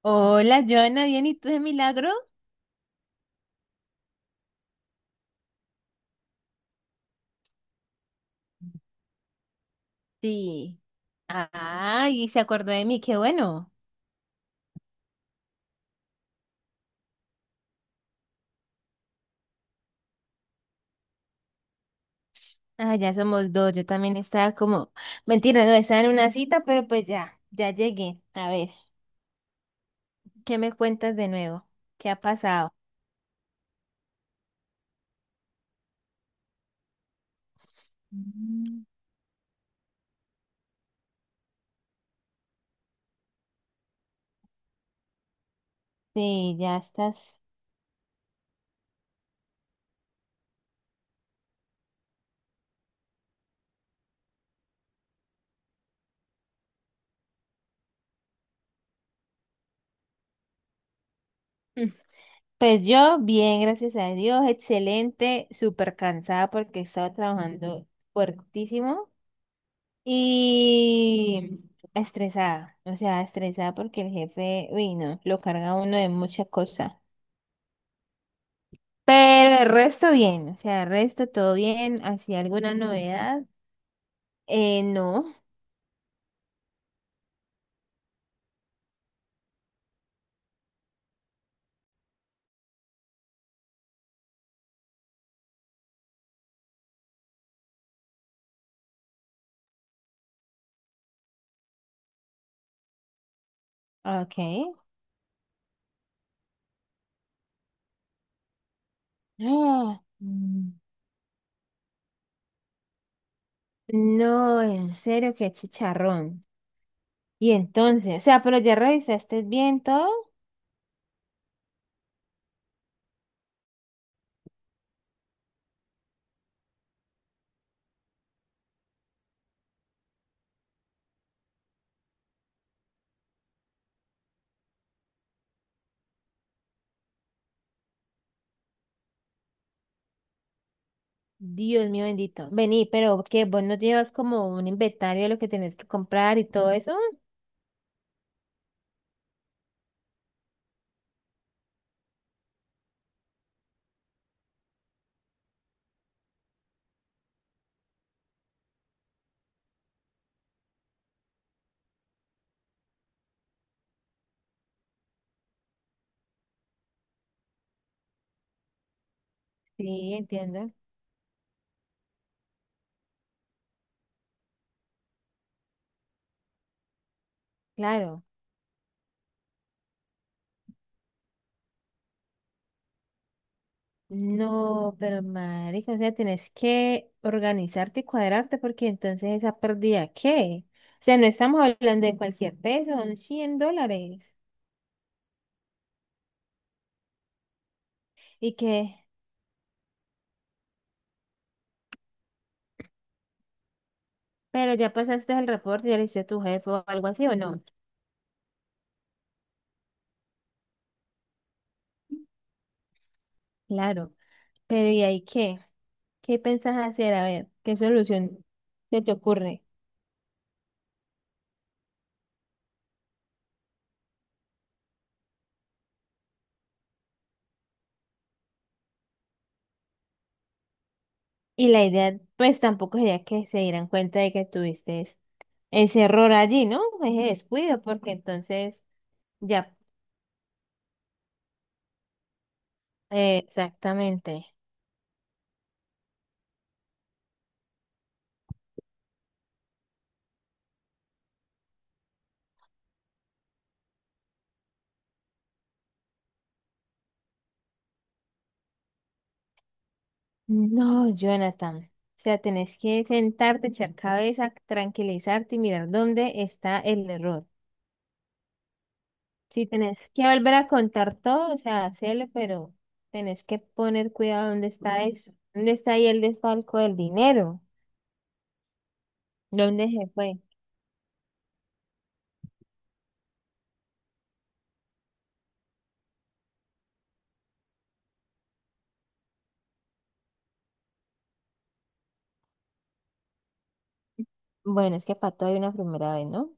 Hola, Joana, ¿bien? ¿Y tú de milagro? Sí. Ay, y se acordó de mí, qué bueno. Ah, ya somos dos, yo también estaba como, mentira, no, estaba en una cita, pero pues ya, ya llegué. A ver, ¿qué me cuentas de nuevo? ¿Qué ha pasado? Mm. Sí, ya estás. Mm. Pues yo, bien, gracias a Dios, excelente, súper cansada porque estaba trabajando fuertísimo. Y estresada, o sea, estresada porque el jefe, uy, no, lo carga a uno de muchas cosas. Pero el resto bien, o sea, el resto todo bien, ¿hacía alguna novedad? No, ok. Ah, no, en serio, qué chicharrón. Y entonces, o sea, pero ya revisaste bien todo. Dios mío bendito. Vení, pero que vos no llevas como un inventario de lo que tenés que comprar y todo eso. Sí, entiendo. Claro. No, pero marica, o sea, tienes que organizarte y cuadrarte porque entonces esa pérdida, ¿qué? O sea, no estamos hablando de cualquier peso, son $100. ¿Y que, Pero ya pasaste el reporte, ya le hiciste a tu jefe o algo así, ¿o no? Claro. Pero ¿y ahí qué? ¿Qué pensás hacer? A ver, ¿qué solución se te ocurre? Y la idea, pues tampoco sería que se dieran cuenta de que tuviste ese error allí, ¿no? Ese descuido, porque entonces, ya, exactamente. No, Jonathan. O sea, tenés que sentarte, echar cabeza, tranquilizarte y mirar dónde está el error. Si tenés que volver a contar todo, o sea, hacelo, pero tenés que poner cuidado dónde está eso. ¿Dónde está ahí el desfalco del dinero? ¿Dónde se fue? Bueno, es que para todo hay una primera vez, ¿no?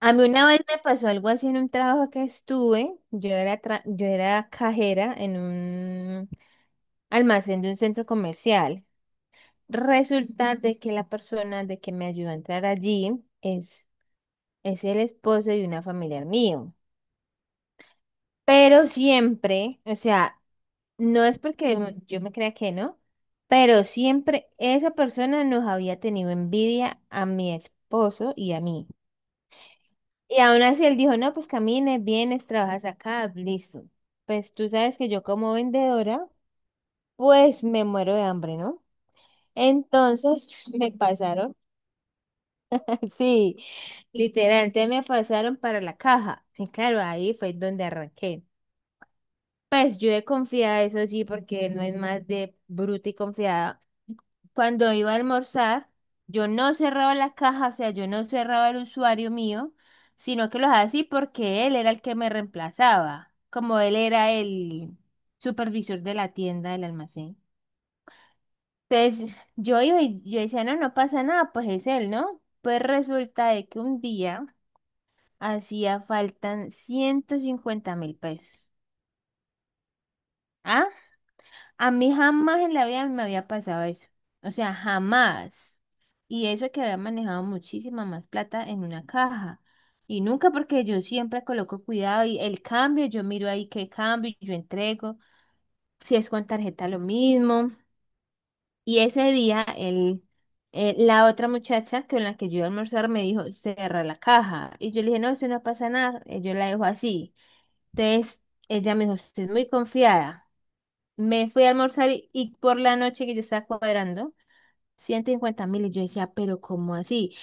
A mí una vez me pasó algo así en un trabajo que estuve. Yo era cajera en un almacén de un centro comercial. Resulta de que la persona de que me ayudó a entrar allí es el esposo de una familiar mío. Pero siempre, o sea, no es porque, ujú, yo me crea que no, pero siempre esa persona nos había tenido envidia a mi esposo y a mí. Y aún así él dijo, no, pues camines vienes, trabajas acá, listo. Pues tú sabes que yo como vendedora, pues me muero de hambre, ¿no? Entonces me pasaron. Sí, literal, entonces me pasaron para la caja. Y claro, ahí fue donde arranqué. Pues yo he confiado, eso sí, porque no es más de bruta y confiada. Cuando iba a almorzar, yo no cerraba la caja, o sea, yo no cerraba el usuario mío, sino que lo hacía así porque él era el que me reemplazaba, como él era el supervisor de la tienda, del almacén. Entonces yo iba y yo decía, no, no pasa nada, pues es él, ¿no? Pues resulta de que un día... Hacía faltan 150.000 pesos. ¿Ah? A mí jamás en la vida me había pasado eso. O sea, jamás. Y eso que había manejado muchísima más plata en una caja. Y nunca porque yo siempre coloco cuidado y el cambio, yo miro ahí qué cambio, yo entrego. Si es con tarjeta lo mismo. Y ese día la otra muchacha con la que yo iba a almorzar me dijo, cerra la caja. Y yo le dije, no, eso no pasa nada. Yo la dejo así. Entonces ella me dijo, usted es muy confiada. Me fui a almorzar y por la noche que yo estaba cuadrando, 150.000. Y yo decía, pero ¿cómo así?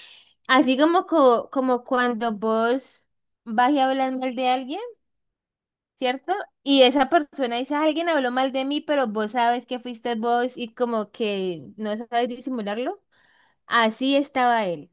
Así como, como cuando vos vas y hablas mal de alguien, ¿cierto? Y esa persona dice, alguien habló mal de mí, pero vos sabes que fuiste vos y como que no sabes disimularlo. Así estaba él.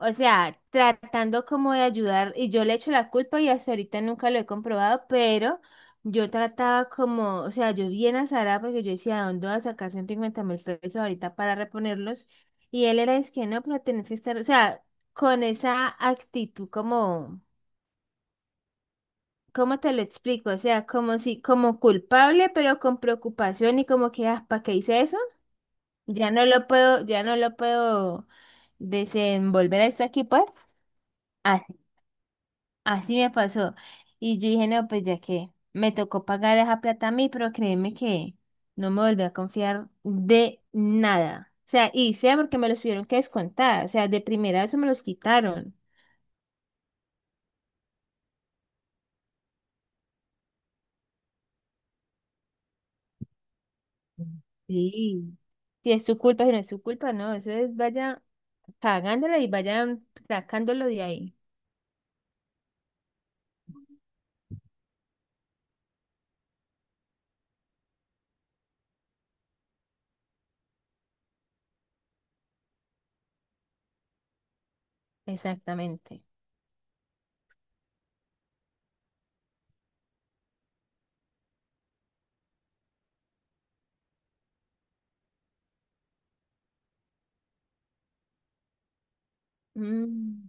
O sea, tratando como de ayudar, y yo le echo la culpa y hasta ahorita nunca lo he comprobado, pero yo trataba como, o sea, yo bien azarada porque yo decía, ¿de dónde voy a sacar 150 mil pesos ahorita para reponerlos? Y él era, es que no, pero tenés que estar, o sea, con esa actitud como, ¿cómo te lo explico? O sea, como si, como culpable, pero con preocupación y como que, ah, ¿para qué hice eso? Ya no lo puedo, ya no lo puedo desenvolver eso aquí, pues. Así me pasó. Y yo dije, no, pues ya que me tocó pagar esa plata a mí, pero créeme que no me volví a confiar de nada. O sea, y sea porque me los tuvieron que descontar. O sea, de primera eso me los quitaron. Sí. Si es su culpa, si no es su culpa, no. Eso es, vaya pagándola y vayan sacándolo de ahí. Exactamente. Mm,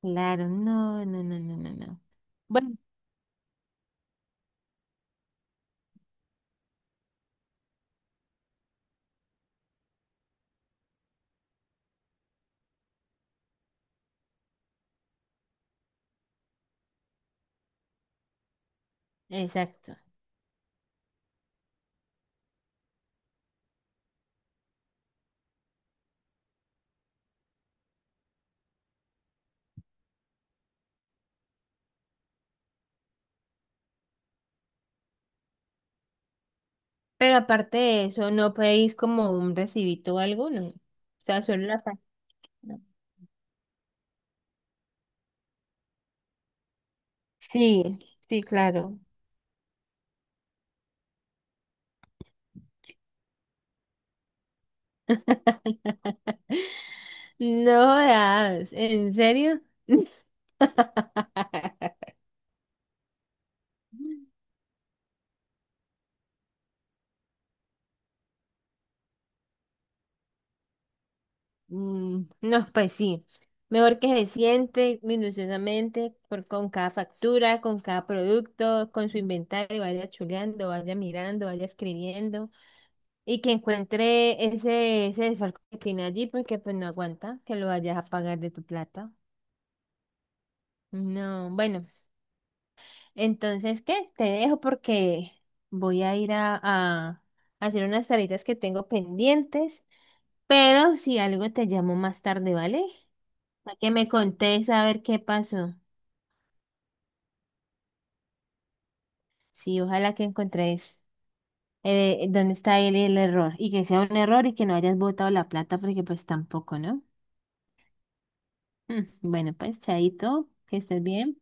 claro, no, no, no, no, no, no. Bueno, exacto. Pero aparte de eso, ¿no pedís como un recibito o algo? No. O sea, solo la página. Sí, sí, claro. No jodas, ¿en serio? No, pues sí. Mejor que se siente minuciosamente por, con cada factura, con cada producto, con su inventario, vaya chuleando, vaya mirando, vaya escribiendo y que encuentre ese, ese desfalco que tiene allí porque pues no aguanta que lo vayas a pagar de tu plata. No, bueno, entonces, ¿qué? Te dejo porque voy a ir a hacer unas tareas que tengo pendientes, pero si algo te llamo más tarde, ¿vale? Para que me contés a ver qué pasó. Sí, ojalá que encontréis dónde está el error y que sea un error y que no hayas botado la plata porque pues tampoco, ¿no? Bueno, pues, chaito, que estés bien.